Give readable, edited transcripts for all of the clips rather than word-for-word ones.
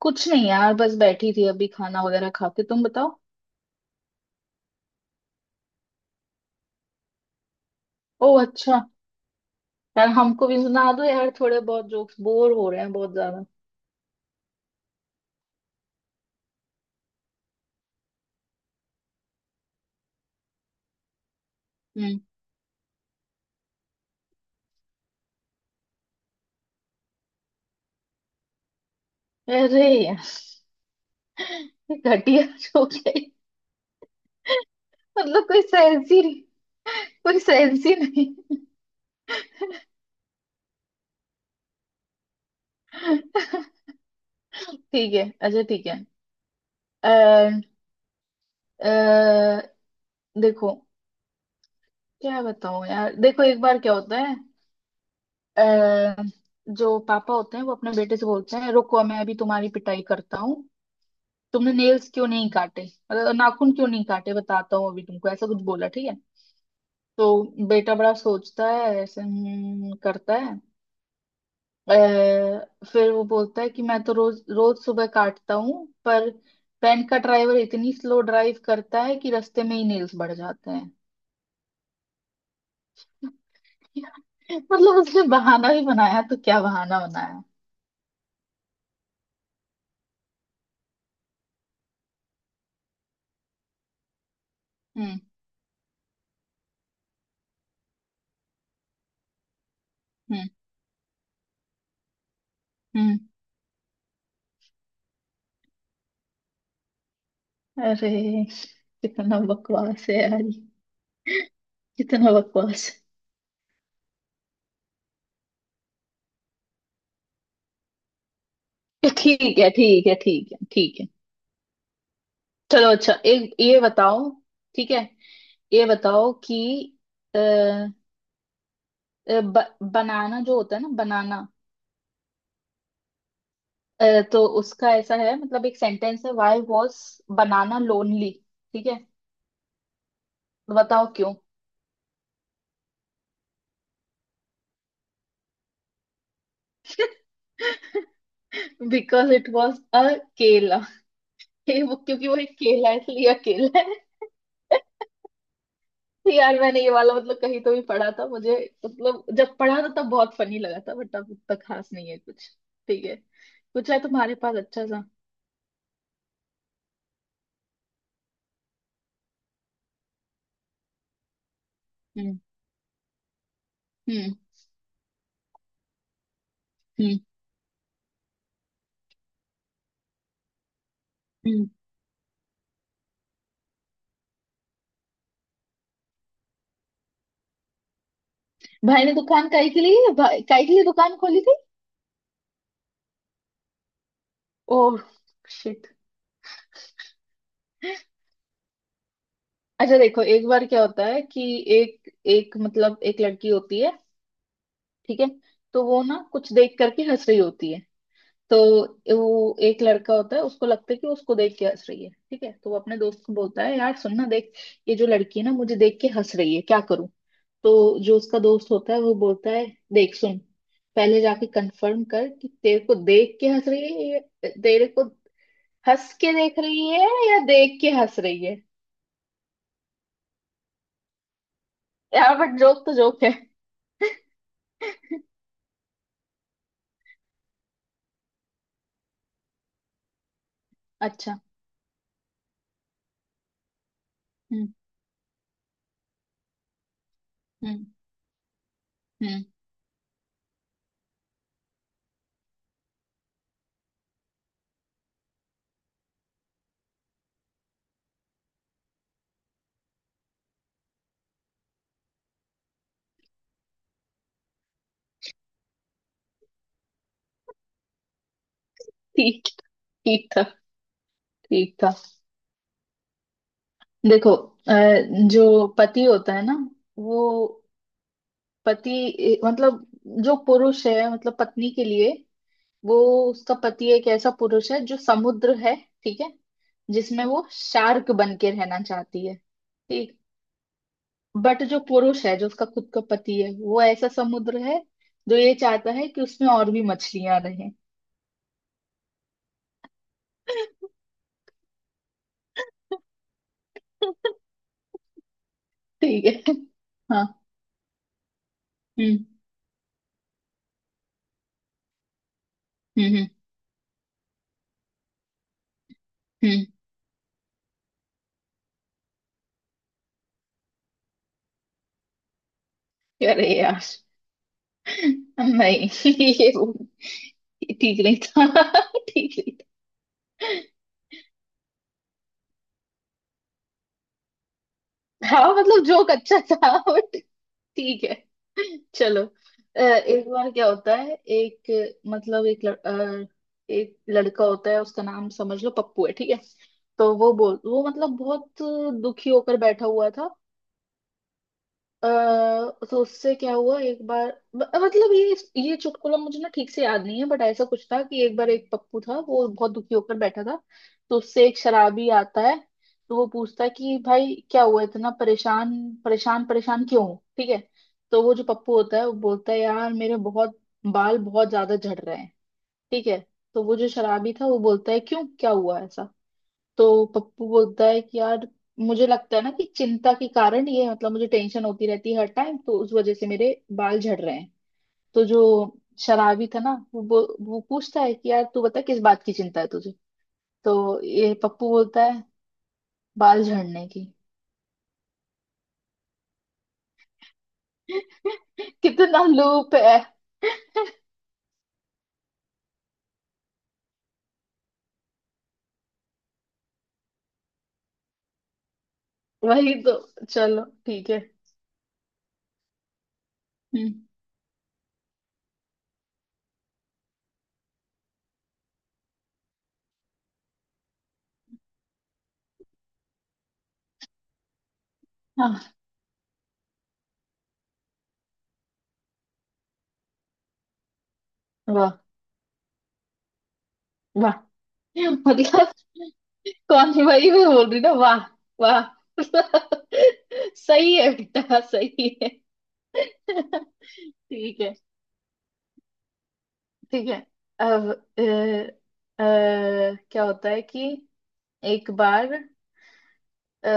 कुछ नहीं यार, बस बैठी थी। अभी खाना वगैरह खा के तुम बताओ। ओ अच्छा। यार हमको भी सुना दो यार, थोड़े बहुत जोक्स। बोर हो रहे हैं बहुत ज्यादा। हम्म। अरे यार, ये घटिया जोक है। मतलब कोई सेंस ही नहीं। कोई सेंस ही नहीं। ठीक है, अच्छा ठीक है। अः देखो। क्या बताऊं यार, देखो एक बार क्या होता है। अः जो पापा होते हैं वो अपने बेटे से बोलते हैं, रुको, मैं अभी तुम्हारी पिटाई करता हूँ। तुमने नेल्स क्यों नहीं काटे, मतलब नाखून क्यों नहीं काटे, बताता हूँ अभी तुमको। ऐसा कुछ बोला ठीक है। तो बेटा बड़ा सोचता है ऐसे, करता है। फिर वो बोलता है कि मैं तो रोज रोज सुबह काटता हूँ, पर वैन का ड्राइवर इतनी स्लो ड्राइव करता है कि रास्ते में ही नेल्स बढ़ जाते हैं। मतलब उसने बहाना भी बनाया तो क्या बहाना बनाया। हम्म, हम्म, हम्म। अरे, कितना बकवास है यार ये, कितना बकवास है। ठीक है, ठीक है, ठीक है, ठीक है। चलो अच्छा, एक ये बताओ। ठीक है। ये बताओ कि अ, अ, बनाना जो होता है ना, बनाना। अ, तो उसका ऐसा है, मतलब एक सेंटेंस है, वाई वॉज बनाना लोनली। ठीक है, तो बताओ क्यों। बिकॉज इट वॉज अ केला। ये वो, क्योंकि वो एक केला है इसलिए अकेला है। तो यार मैंने ये वाला मतलब कहीं तो भी पढ़ा था मुझे, मतलब जब पढ़ा था तब बहुत फनी लगा था, बट अब उतना खास नहीं है कुछ। ठीक है, कुछ है तुम्हारे पास अच्छा सा? हम्म, हम्म, हम्म, हम्म। भाई ने दुकान काई के लिए, काई के लिए दुकान खोली थी। ओह, शिट। अच्छा देखो, एक बार क्या होता है कि एक एक मतलब एक लड़की होती है, ठीक है। तो वो ना कुछ देख करके हंस रही होती है, तो वो एक लड़का होता है, उसको लगता है कि उसको देख के हंस रही है। ठीक है, तो वो अपने दोस्त को बोलता है, यार सुन ना, देख, ये जो लड़की है ना मुझे देख के हंस रही है, क्या करूं? तो जो उसका दोस्त होता है वो बोलता है, देख, सुन, पहले जाके कंफर्म कर कि तेरे को देख के हंस रही है, तेरे को हंस के देख रही है, या देख के हंस रही है। यार बट जोक तो जोक है। अच्छा। हम्म, हम्म, हम्म। ठीक। ठीक था, ठीक था। देखो, जो पति होता है ना, वो पति मतलब जो पुरुष है, मतलब पत्नी के लिए, वो, उसका पति एक ऐसा पुरुष है जो समुद्र है, ठीक है, जिसमें वो शार्क बन के रहना चाहती है। ठीक। बट जो पुरुष है, जो उसका खुद का पति है, वो ऐसा समुद्र है जो ये चाहता है कि उसमें और भी मछलियां रहें। ठीक है। हाँ। हम्म, हम्म, हम्म, हम्म। अरे यार, नहीं, ये वो- ये ठीक नहीं था। ठीक नहीं था, हाँ, मतलब जोक अच्छा था बट। ठीक है। चलो, एक बार क्या होता है, एक मतलब एक लड़का होता है, उसका नाम समझ लो पप्पू है, ठीक है। तो वो बोल वो मतलब बहुत दुखी होकर बैठा हुआ था। अ, तो उससे क्या हुआ एक बार, मतलब ये चुटकुला मुझे ना ठीक से याद नहीं है, बट ऐसा कुछ था कि एक बार एक पप्पू था, वो बहुत दुखी होकर बैठा था। तो उससे एक शराबी आता है, तो वो पूछता है कि भाई क्या हुआ, इतना परेशान, परेशान क्यों हो? ठीक है। तो वो जो पप्पू होता है वो बोलता है, यार मेरे बहुत, बाल बहुत ज्यादा झड़ रहे हैं, ठीक है। तो वो जो शराबी था वो बोलता है, क्यों, क्या हुआ ऐसा? तो पप्पू बोलता है कि यार, मुझे लगता है ना कि चिंता के कारण ये, मतलब मुझे टेंशन होती रहती है हर टाइम, तो उस वजह से मेरे बाल झड़ रहे हैं। तो जो शराबी था ना वो वो पूछता है कि यार तू बता, किस बात की चिंता है तुझे। तो ये पप्पू बोलता है, बाल झड़ने की। कितना लूप है। वही तो, चलो ठीक है। हम्म, हाँ, वाह, वाह। मतलब, कौन सी भाई, मैं बोल रही ना, वाह, वाह। सही है बेटा, सही है। ठीक है, ठीक है। अब अ, क्या होता है कि, एक बार, अ,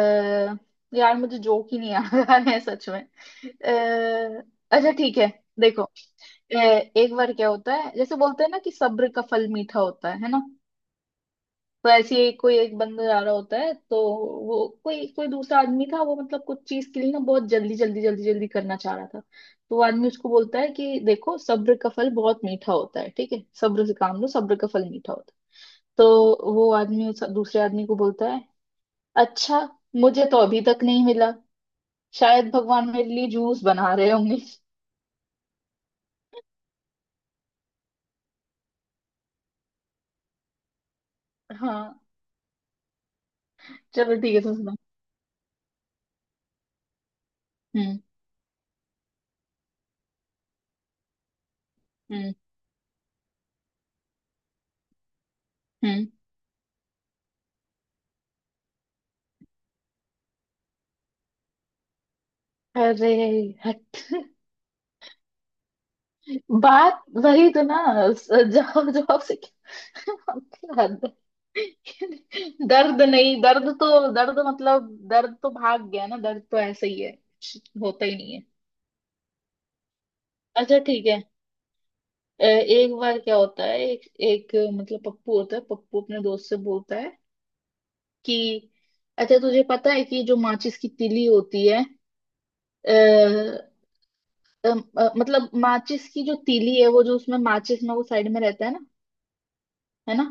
यार मुझे जोक ही नहीं आ रहा है सच में। अच्छा ठीक है। देखो, एक बार क्या होता है, जैसे बोलते हैं ना कि सब्र का फल मीठा होता है ना? तो ऐसे ही कोई एक बंदा जा रहा होता है, तो वो, कोई, कोई दूसरा आदमी था वो, मतलब कुछ चीज के लिए ना बहुत जल्दी जल्दी जल्दी जल्दी करना चाह रहा था, तो वो आदमी उसको बोलता है कि देखो, सब्र का फल बहुत मीठा होता है, ठीक है, सब्र से काम लो, सब्र का फल मीठा होता है। तो वो आदमी उस दूसरे आदमी को बोलता है, अच्छा, मुझे तो अभी तक नहीं मिला, शायद भगवान मेरे लिए जूस बना रहे होंगे। हाँ, चलो ठीक है, तुम सुना। हम्म, हम्म, हम्म। अरे हट। बात वही तो ना, जवाब, जवाब से। हद है। दर्द नहीं, दर्द तो, दर्द मतलब दर्द तो भाग गया ना, दर्द तो ऐसे ही है, कुछ होता ही नहीं है। अच्छा ठीक है। एक बार क्या होता है, एक एक मतलब पप्पू होता है। पप्पू अपने दोस्त से बोलता है कि, अच्छा तुझे पता है कि जो माचिस की तीली होती है, आ, मतलब माचिस की जो तीली है, वो, जो उसमें माचिस में वो साइड में रहता है ना, है ना?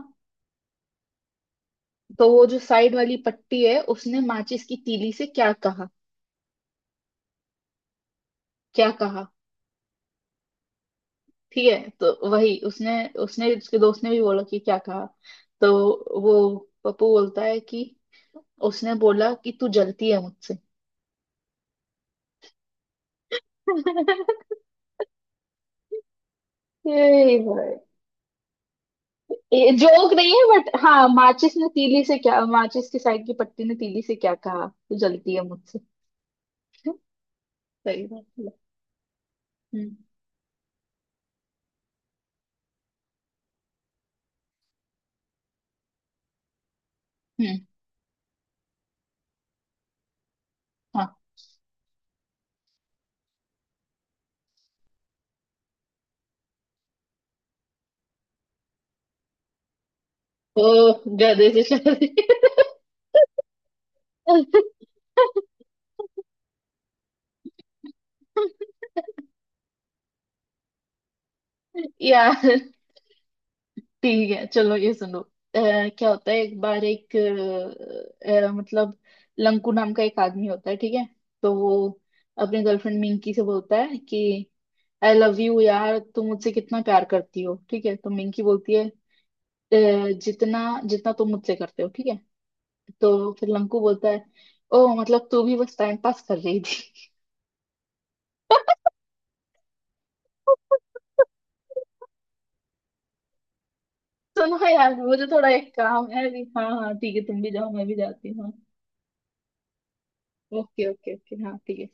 तो वो जो साइड वाली पट्टी है उसने माचिस की तीली से क्या कहा? क्या कहा? ठीक है, तो वही उसने, उसके दोस्त ने भी बोला कि क्या कहा, तो वो पप्पू बोलता है कि उसने बोला कि तू जलती है मुझसे। ये भाई, ये जोक नहीं है, बट हाँ, माचिस की साइड की पट्टी ने तीली से क्या कहा? तू जलती है मुझसे। सही बात है। हम्म, हम्म, हाँ। ओ, गधे से शादी? यार, ठीक है, चलो ये सुनो। अ, क्या होता है, एक बार मतलब लंकू नाम का एक आदमी होता है, ठीक है। तो वो अपने गर्लफ्रेंड मिंकी से बोलता है कि, आई लव यू यार, तुम मुझसे कितना प्यार करती हो, ठीक है? तो मिंकी बोलती है, "अ, जितना, जितना तुम मुझसे करते हो, ठीक है।" तो फिर लंकू बोलता है, ओ मतलब तू भी बस टाइम पास कर रही थी। सुनो यार मुझे थोड़ा एक काम है अभी, हाँ हाँ ठीक है, तुम भी जाओ मैं भी जाती हूँ, हाँ, ओके ओके ओके, हाँ ठीक है।